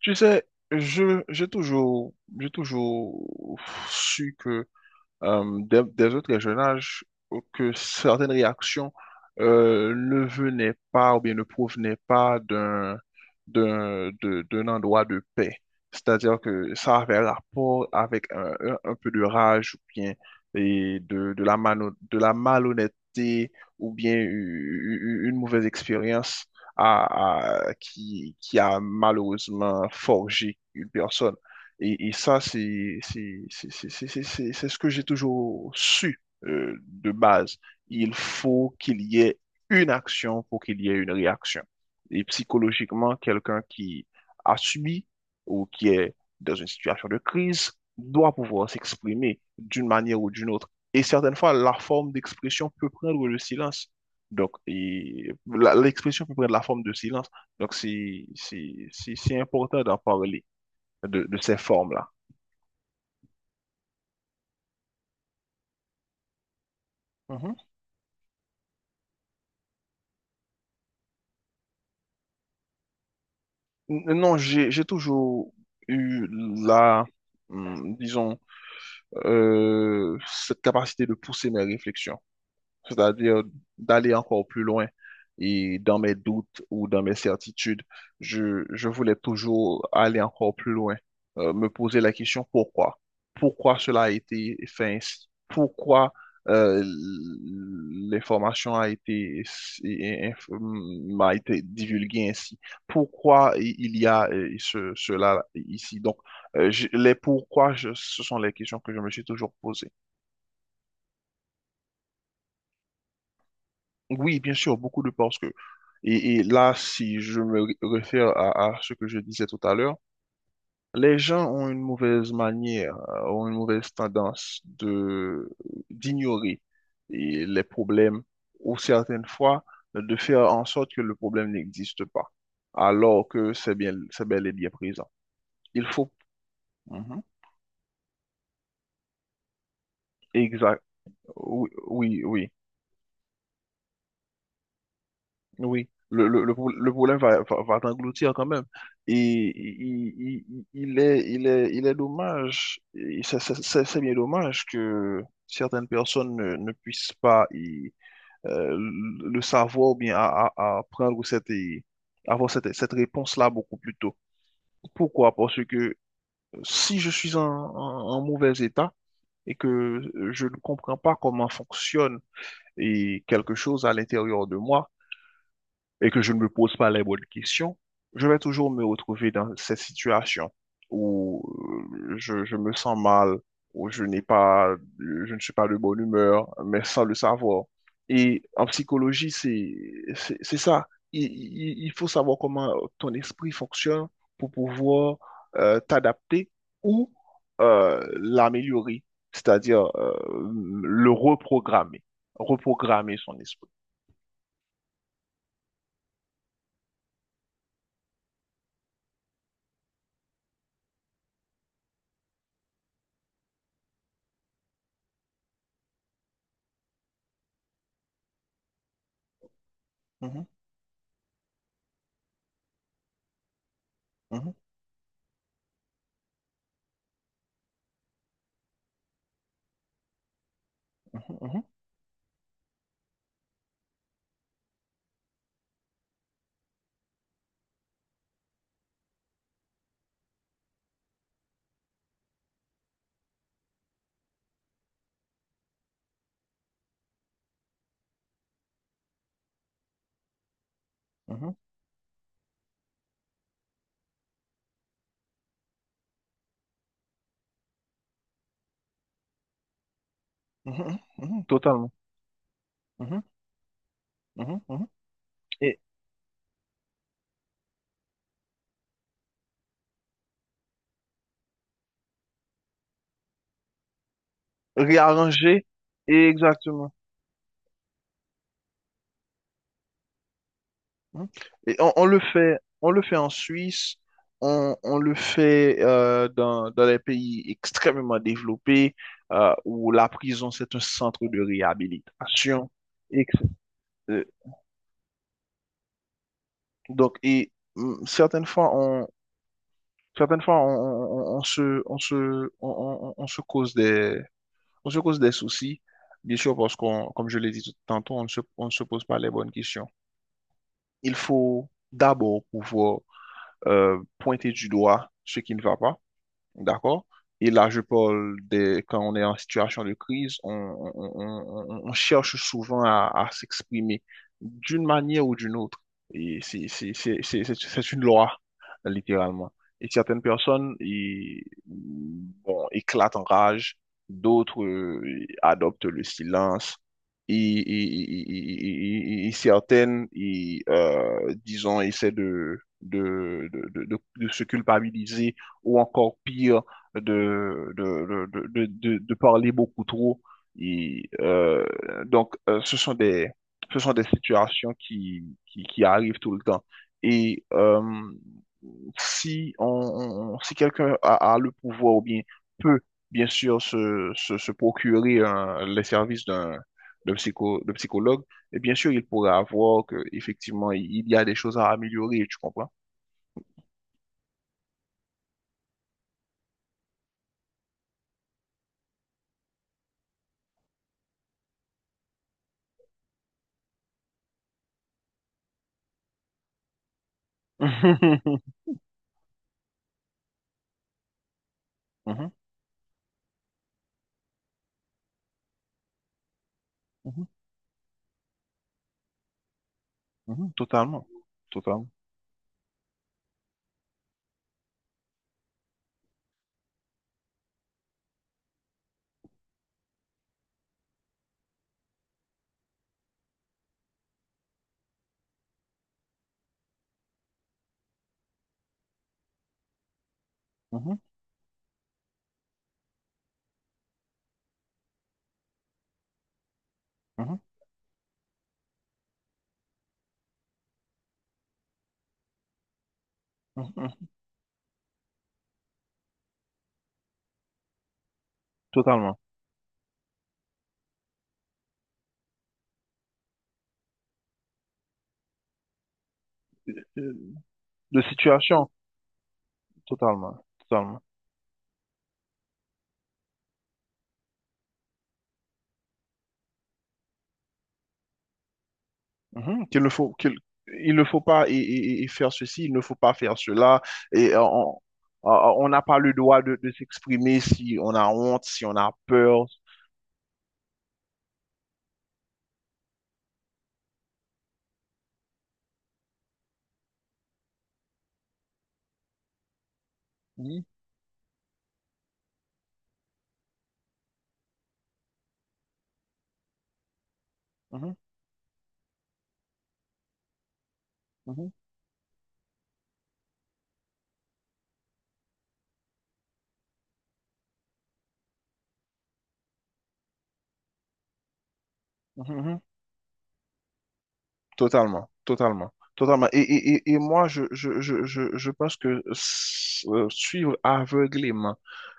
Tu sais, je, j'ai toujours, j'ai toujours su que des autres régionnages que certaines réactions ne venaient pas ou bien ne provenaient pas d'un endroit de paix. C'est-à-dire que ça avait rapport avec un peu de rage ou bien et de la malhonnêteté ou bien une mauvaise expérience qui a malheureusement forgé une personne. Et ça, c'est ce que j'ai toujours su, de base. Il faut qu'il y ait une action pour qu'il y ait une réaction. Et psychologiquement, quelqu'un qui a subi ou qui est dans une situation de crise doit pouvoir s'exprimer d'une manière ou d'une autre. Et certaines fois, la forme d'expression peut prendre le silence. Donc, l'expression peut prendre la forme de silence. Donc, c'est important d'en parler de ces formes-là. Mhm. Non, j'ai toujours eu la, disons, cette capacité de pousser mes réflexions. C'est-à-dire d'aller encore plus loin. Et dans mes doutes ou dans mes certitudes, je voulais toujours aller encore plus loin, me poser la question: pourquoi? Pourquoi cela a été fait ainsi? Pourquoi euh, l'information a été, m'a été divulguée ainsi? Pourquoi il y a cela ici? Donc, les pourquoi, ce sont les questions que je me suis toujours posées. Oui, bien sûr, beaucoup de parce que, et là, si je me réfère à ce que je disais tout à l'heure, les gens ont une mauvaise manière, ont une mauvaise tendance de d'ignorer et les problèmes, ou certaines fois, de faire en sorte que le problème n'existe pas, alors que c'est bien, c'est bel et bien présent. Il faut. Mhm. Exact. Oui, oui, oui. Oui, le problème va t'engloutir quand même. Et il, il, il il est dommage, c'est bien dommage que certaines personnes ne puissent pas le savoir, ou bien à prendre cette, et avoir cette réponse-là beaucoup plus tôt. Pourquoi? Parce que si je suis en mauvais état et que je ne comprends pas comment fonctionne et quelque chose à l'intérieur de moi, et que je ne me pose pas les bonnes questions, je vais toujours me retrouver dans cette situation où je me sens mal, où je n'ai pas, je ne suis pas de bonne humeur, mais sans le savoir. Et en psychologie, c'est ça. Il il faut savoir comment ton esprit fonctionne pour pouvoir t'adapter ou l'améliorer, c'est-à-dire le reprogrammer, reprogrammer son esprit. Mhm, mhm, mhm, mhm, mhm, mhm, mhm, mhm, totalement. Mhm, mhm, mhm. Et réarranger, et exactement. Mhm. Et on le fait, en Suisse, on le fait dans les pays extrêmement développés, où la prison, c'est un centre de réhabilitation. Donc, certaines fois, certaines fois, on, on- on se cause des, on se cause des soucis, bien sûr, parce qu'on, comme je l'ai dit tantôt, on ne se pose pas les bonnes questions. Il faut d'abord pouvoir pointer du doigt ce qui ne va pas. D'accord? Et là, je parle quand on est en situation de crise, on cherche souvent à s'exprimer d'une manière ou d'une autre. Et c'est une loi, littéralement. Et certaines personnes, bon, éclatent en rage, d'autres adoptent le silence. Et certaines, disons, essaient de, se culpabiliser, ou encore pire, de parler beaucoup trop. Et, euh, donc, ce sont des situations qui arrivent tout le temps. Et si, on- si quelqu'un a le pouvoir, ou bien peut, bien sûr, se procurer les services de psychologue, et bien sûr, il pourra avoir que, effectivement, il y a des choses à améliorer. Tu comprends? Mhm, mhm. Mhm, totalement, totalement, mhm, mhm, mhm, mhm, totalement. Euh, De situation, totalement, totalement. Mhm. Qu'il ne faut, qu'il, il ne faut pas, et faire ceci, il ne faut pas faire cela. Et euh, on n'a pas le droit de s'exprimer si on a honte, si on a peur. Mhm, mhm, mhm, mhm, mhm. Totalement, totalement, totalement. Et moi, je pense que suivre aveuglément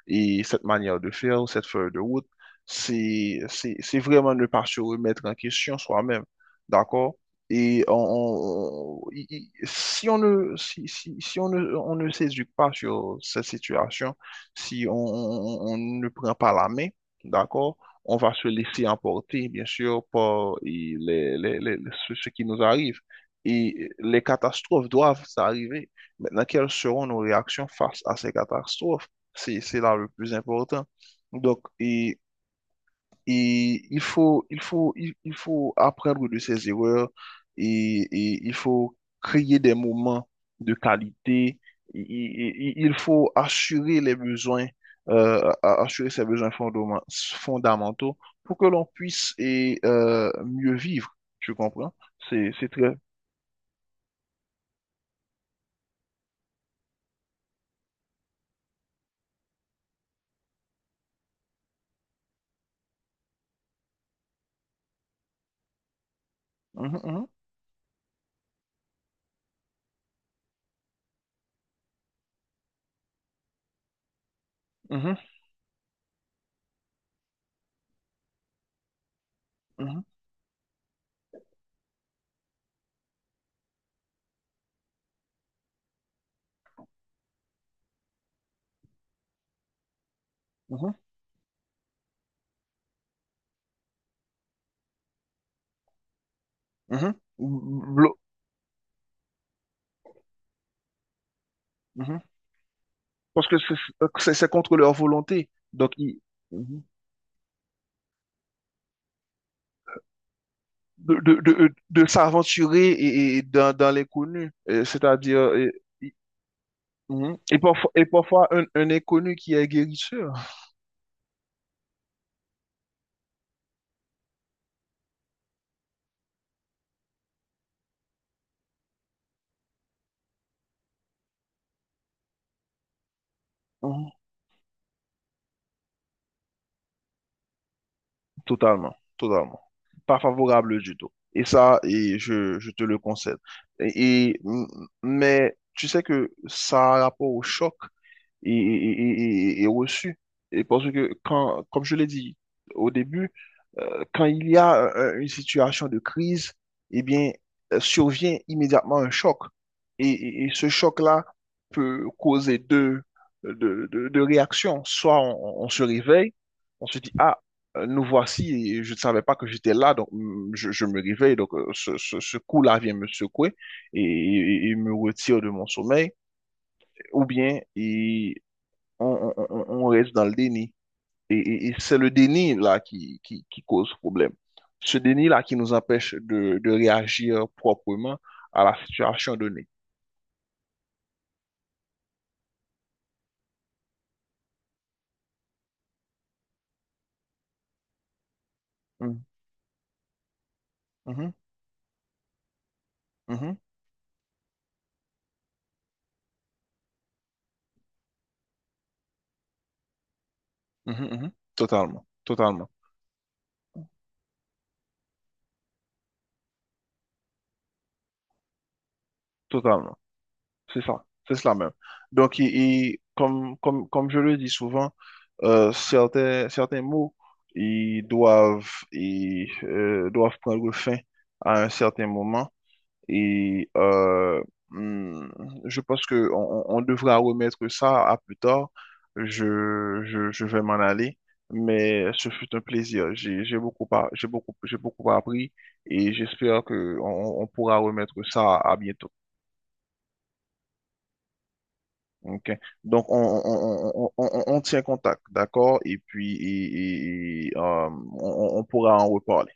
cette manière de faire, ou cette feuille de route, c'est vraiment ne pas se remettre en question soi-même. D'accord? Et si on ne, si, si, si on ne, on ne s'éduque pas sur cette situation, si on ne prend pas la main, d'accord? On va se laisser emporter, bien sûr, par ce qui nous arrive. Et les catastrophes doivent arriver. Maintenant, quelles seront nos réactions face à ces catastrophes? C'est là le plus important. Donc, il faut apprendre de ses erreurs, et il faut créer des moments de qualité. Il il faut assurer les besoins, assurer ses besoins fondamentaux, pour que l'on puisse, mieux vivre. Tu comprends? C'est très. Mhm, mhm, mhm, mhm, mhm, mhm. Mhm. Parce que c'est contre leur volonté. Donc, ils. mmh, de s'aventurer dans, l'inconnu. C'est-à-dire, y- mhm. et parfois un inconnu qui est guérisseur. Hum. Totalement, totalement. Pas favorable du tout. Et ça, et je te le concède. Et- m- mais tu sais que ça a rapport au choc et reçu. Et parce que, comme je l'ai dit au début, quand il y a une situation de crise, eh bien, survient immédiatement un choc. Et ce choc-là peut causer deux, deux réactions. Soit on se réveille, on se dit, ah, nous voici, et je ne savais pas que j'étais là, donc, je me réveille, donc ce coup-là vient me secouer et me retire de mon sommeil, ou bien on, on reste dans le déni. Et c'est le déni là qui, qui cause problème. Ce déni là qui nous empêche de réagir proprement à la situation donnée. Mhm, mhm, mhm, mhm, mhm. Totalement, totalement, totalement. C'est ça, c'est cela même. Donc, comme je le dis souvent, certains mots, ils doivent prendre fin à un certain moment. Et euh, hmm, je pense que on devra remettre ça à plus tard. Je vais m'en aller, mais ce fut un plaisir. J'ai beaucoup appris, et j'espère que on pourra remettre ça à bientôt. OK. Donc, on tient contact, d'accord? Et puis, on pourra en reparler.